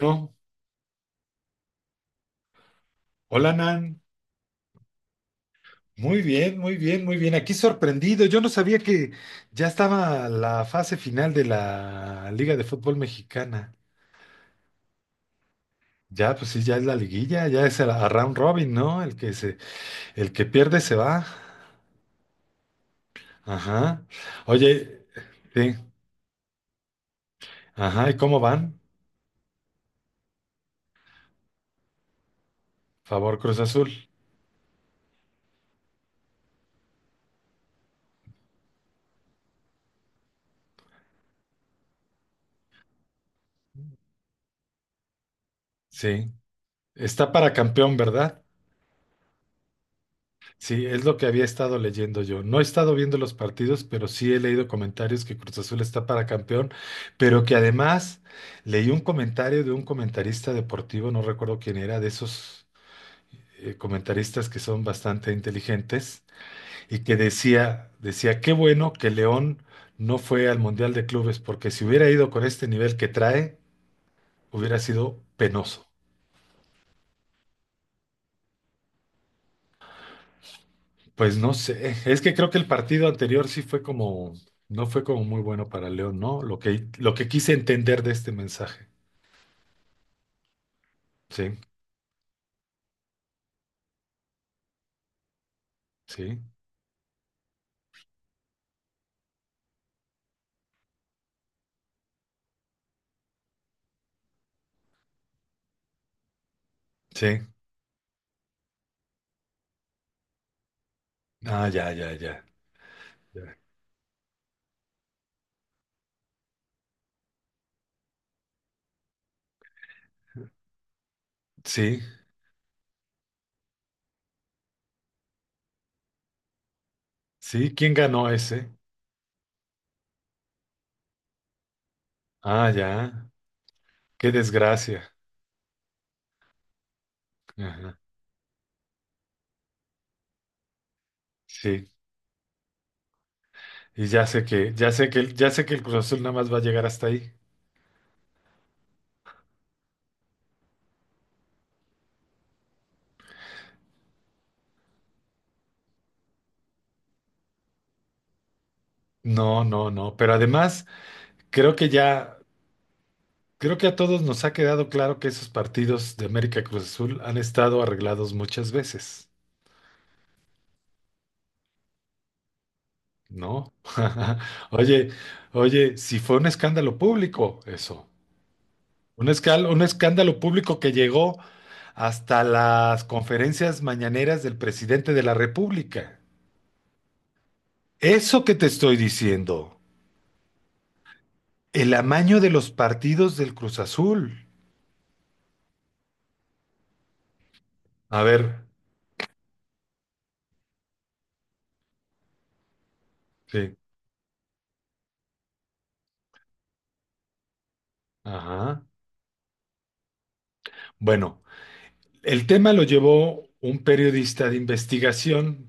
No. Hola, Nan. Muy bien, muy bien, muy bien. Aquí sorprendido. Yo no sabía que ya estaba la fase final de la Liga de Fútbol Mexicana. Ya, pues sí, ya es la liguilla, a round robin, ¿no? El que pierde se va. Ajá. Oye, sí. Ajá, ¿y cómo van? Favor Cruz Azul. Sí. Está para campeón, ¿verdad? Sí, es lo que había estado leyendo yo. No he estado viendo los partidos, pero sí he leído comentarios que Cruz Azul está para campeón, pero que además leí un comentario de un comentarista deportivo, no recuerdo quién era, de esos comentaristas que son bastante inteligentes y que decía, qué bueno que León no fue al Mundial de Clubes, porque si hubiera ido con este nivel que trae, hubiera sido penoso. Pues no sé, es que creo que el partido anterior sí fue como, no fue como muy bueno para León, ¿no? Lo que quise entender de este mensaje. Sí, sí, sí. Ah, ya, ya, ya. Ya. Sí, sí, ¿quién ganó ese? Ah, ya. Qué desgracia. Ajá. Sí. Y ya sé que, ya sé que, ya sé que el Cruz Azul nada más va a llegar hasta ahí. No, no, no. Pero además, creo que ya. Creo que a todos nos ha quedado claro que esos partidos de América Cruz Azul han estado arreglados muchas veces, ¿no? Oye, oye, si fue un escándalo público eso, un escándalo público que llegó hasta las conferencias mañaneras del presidente de la República. Eso que te estoy diciendo, el amaño de los partidos del Cruz Azul. A ver, sí, ajá. Bueno. El tema lo llevó un periodista de investigación.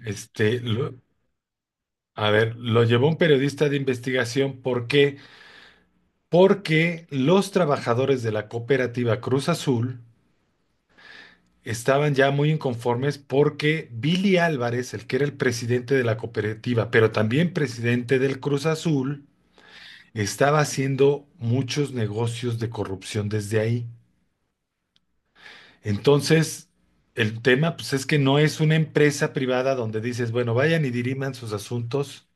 Este, lo- a ver, lo llevó un periodista de investigación. ¿Por qué? Porque los trabajadores de la cooperativa Cruz Azul estaban ya muy inconformes porque Billy Álvarez, el que era el presidente de la cooperativa, pero también presidente del Cruz Azul, estaba haciendo muchos negocios de corrupción desde ahí. Entonces, el tema, pues es que no es una empresa privada donde dices, bueno, vayan y diriman sus asuntos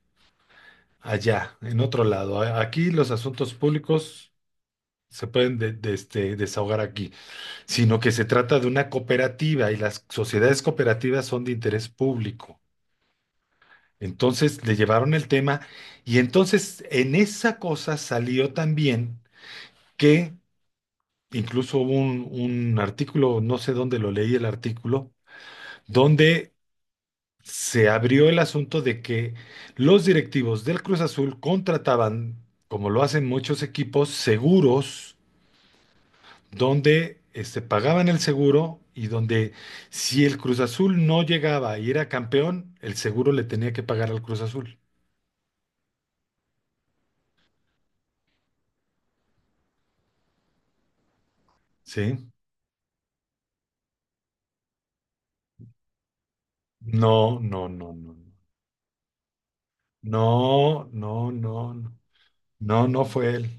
allá, en otro lado. Aquí los asuntos públicos se pueden desahogar aquí, sino que se trata de una cooperativa y las sociedades cooperativas son de interés público. Entonces le llevaron el tema y entonces en esa cosa salió también que incluso hubo un artículo, no sé dónde lo leí el artículo, donde se abrió el asunto de que los directivos del Cruz Azul contrataban, como lo hacen muchos equipos, seguros donde pagaban el seguro y donde si el Cruz Azul no llegaba y era campeón, el seguro le tenía que pagar al Cruz Azul. ¿Sí? No, no, no, no, no, no, no, no, no, no fue él.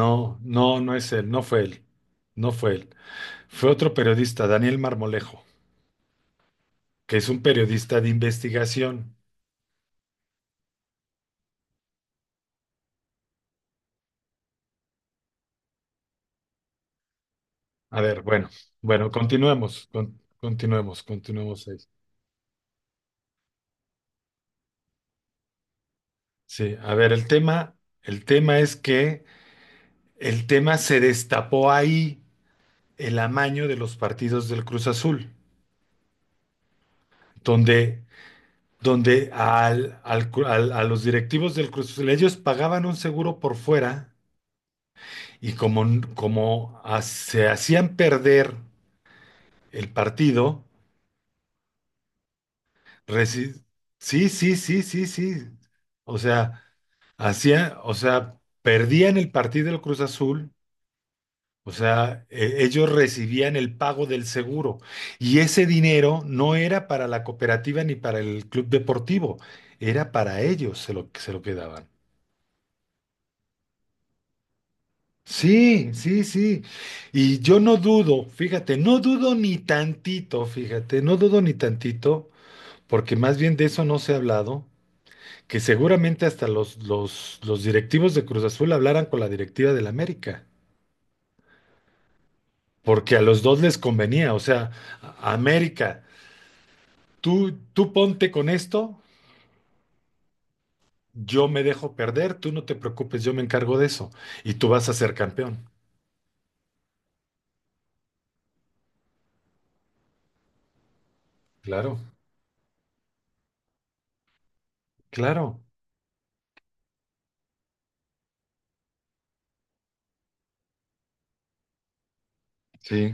No, no, no es él, no fue él, no fue él. Fue otro periodista, Daniel Marmolejo. Que es un periodista de investigación. A ver, bueno, bueno, continuemos, continuemos, continuemos ahí. Sí, a ver, el tema es que el tema se destapó ahí el amaño de los partidos del Cruz Azul, donde, donde a los directivos del Cruz Azul, ellos pagaban un seguro por fuera y se hacían perder el partido. Resi- sí, sí, sí, sí, sí. O sea, hacía, o sea, perdían el partido del Cruz Azul, o sea, ellos recibían el pago del seguro y ese dinero no era para la cooperativa ni para el club deportivo, era para ellos se lo quedaban. Sí, sí, sí. Y yo no dudo, fíjate, no dudo ni tantito, fíjate, no dudo ni tantito, porque más bien de eso no se ha hablado que seguramente hasta los directivos de Cruz Azul hablaran con la directiva del América, porque a los dos les convenía, o sea, América, tú ponte con esto, yo me dejo perder, tú no te preocupes, yo me encargo de eso, y tú vas a ser campeón. Claro, claro. Sí.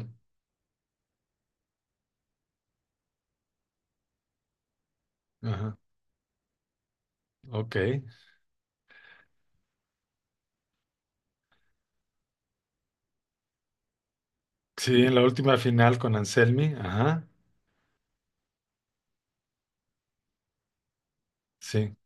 Ajá, ok. Sí, en la última final con Anselmi, ajá, sí.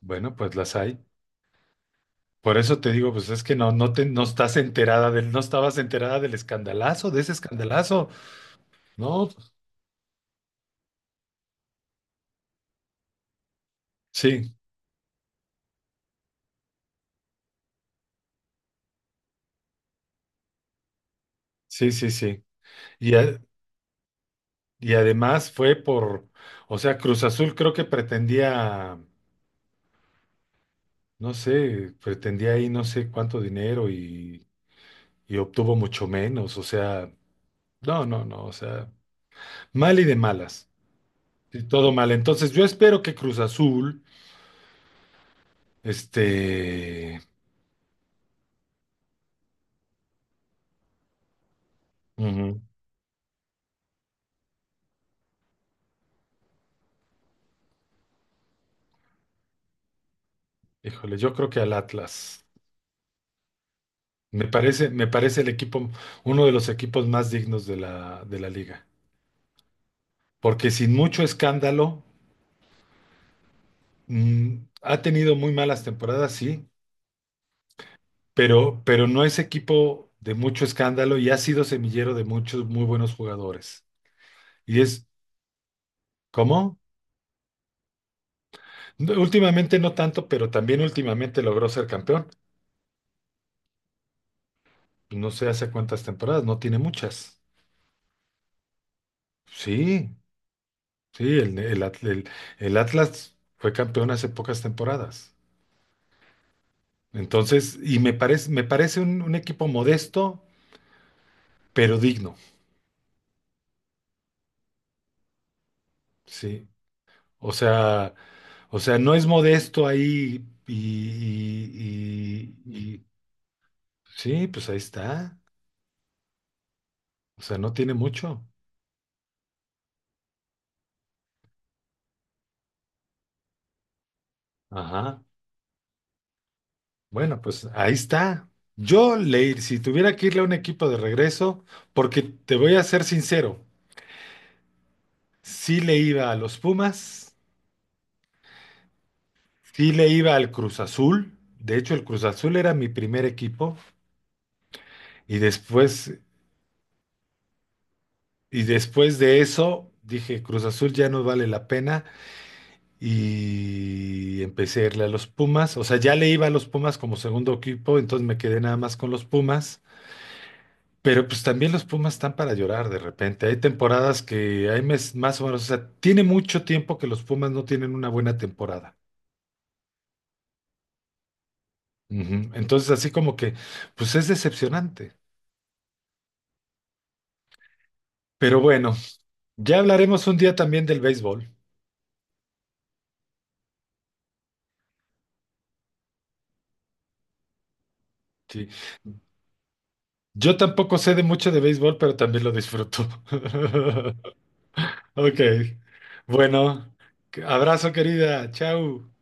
Bueno, pues las hay. Por eso te digo, pues es que no estás enterada del, no estabas enterada del escandalazo, de ese escandalazo. No, sí, sí, sí, sí. Y, a- y además fue por, o sea, Cruz Azul creo que pretendía, no sé, pretendía ahí no sé cuánto dinero y obtuvo mucho menos. O sea, no, no, no, o sea, mal y de malas. Y todo mal. Entonces yo espero que Cruz Azul, este, ujú, híjole, yo creo que al Atlas. Me parece el equipo, uno de los equipos más dignos de la liga. Porque sin mucho escándalo. Mm, ha tenido muy malas temporadas, sí, pero no es equipo de mucho escándalo y ha sido semillero de muchos muy buenos jugadores. Y es, ¿cómo? No, últimamente no tanto, pero también últimamente logró ser campeón. No sé hace cuántas temporadas, no tiene muchas. Sí, sí, el Atlas fue campeón hace pocas temporadas. Entonces, y me parece un equipo modesto, pero digno. Sí, o sea, o sea, no es modesto ahí y- sí, pues ahí está. O sea, no tiene mucho. Ajá. Bueno, pues ahí está. Si tuviera que irle a un equipo de regreso, porque te voy a ser sincero, sí le iba a los Pumas, sí le iba al Cruz Azul. De hecho, el Cruz Azul era mi primer equipo y después de eso dije, Cruz Azul ya no vale la pena. Y empecé a irle a los Pumas. O sea, ya le iba a los Pumas como segundo equipo, entonces me quedé nada más con los Pumas. Pero pues también los Pumas están para llorar de repente. Hay temporadas que más o menos, o sea, tiene mucho tiempo que los Pumas no tienen una buena temporada. Ujú. Entonces, así como que, pues es decepcionante. Pero bueno, ya hablaremos un día también del béisbol. Sí. Yo tampoco sé de mucho de béisbol, pero también lo disfruto. Ok. Bueno, abrazo querida. Chau.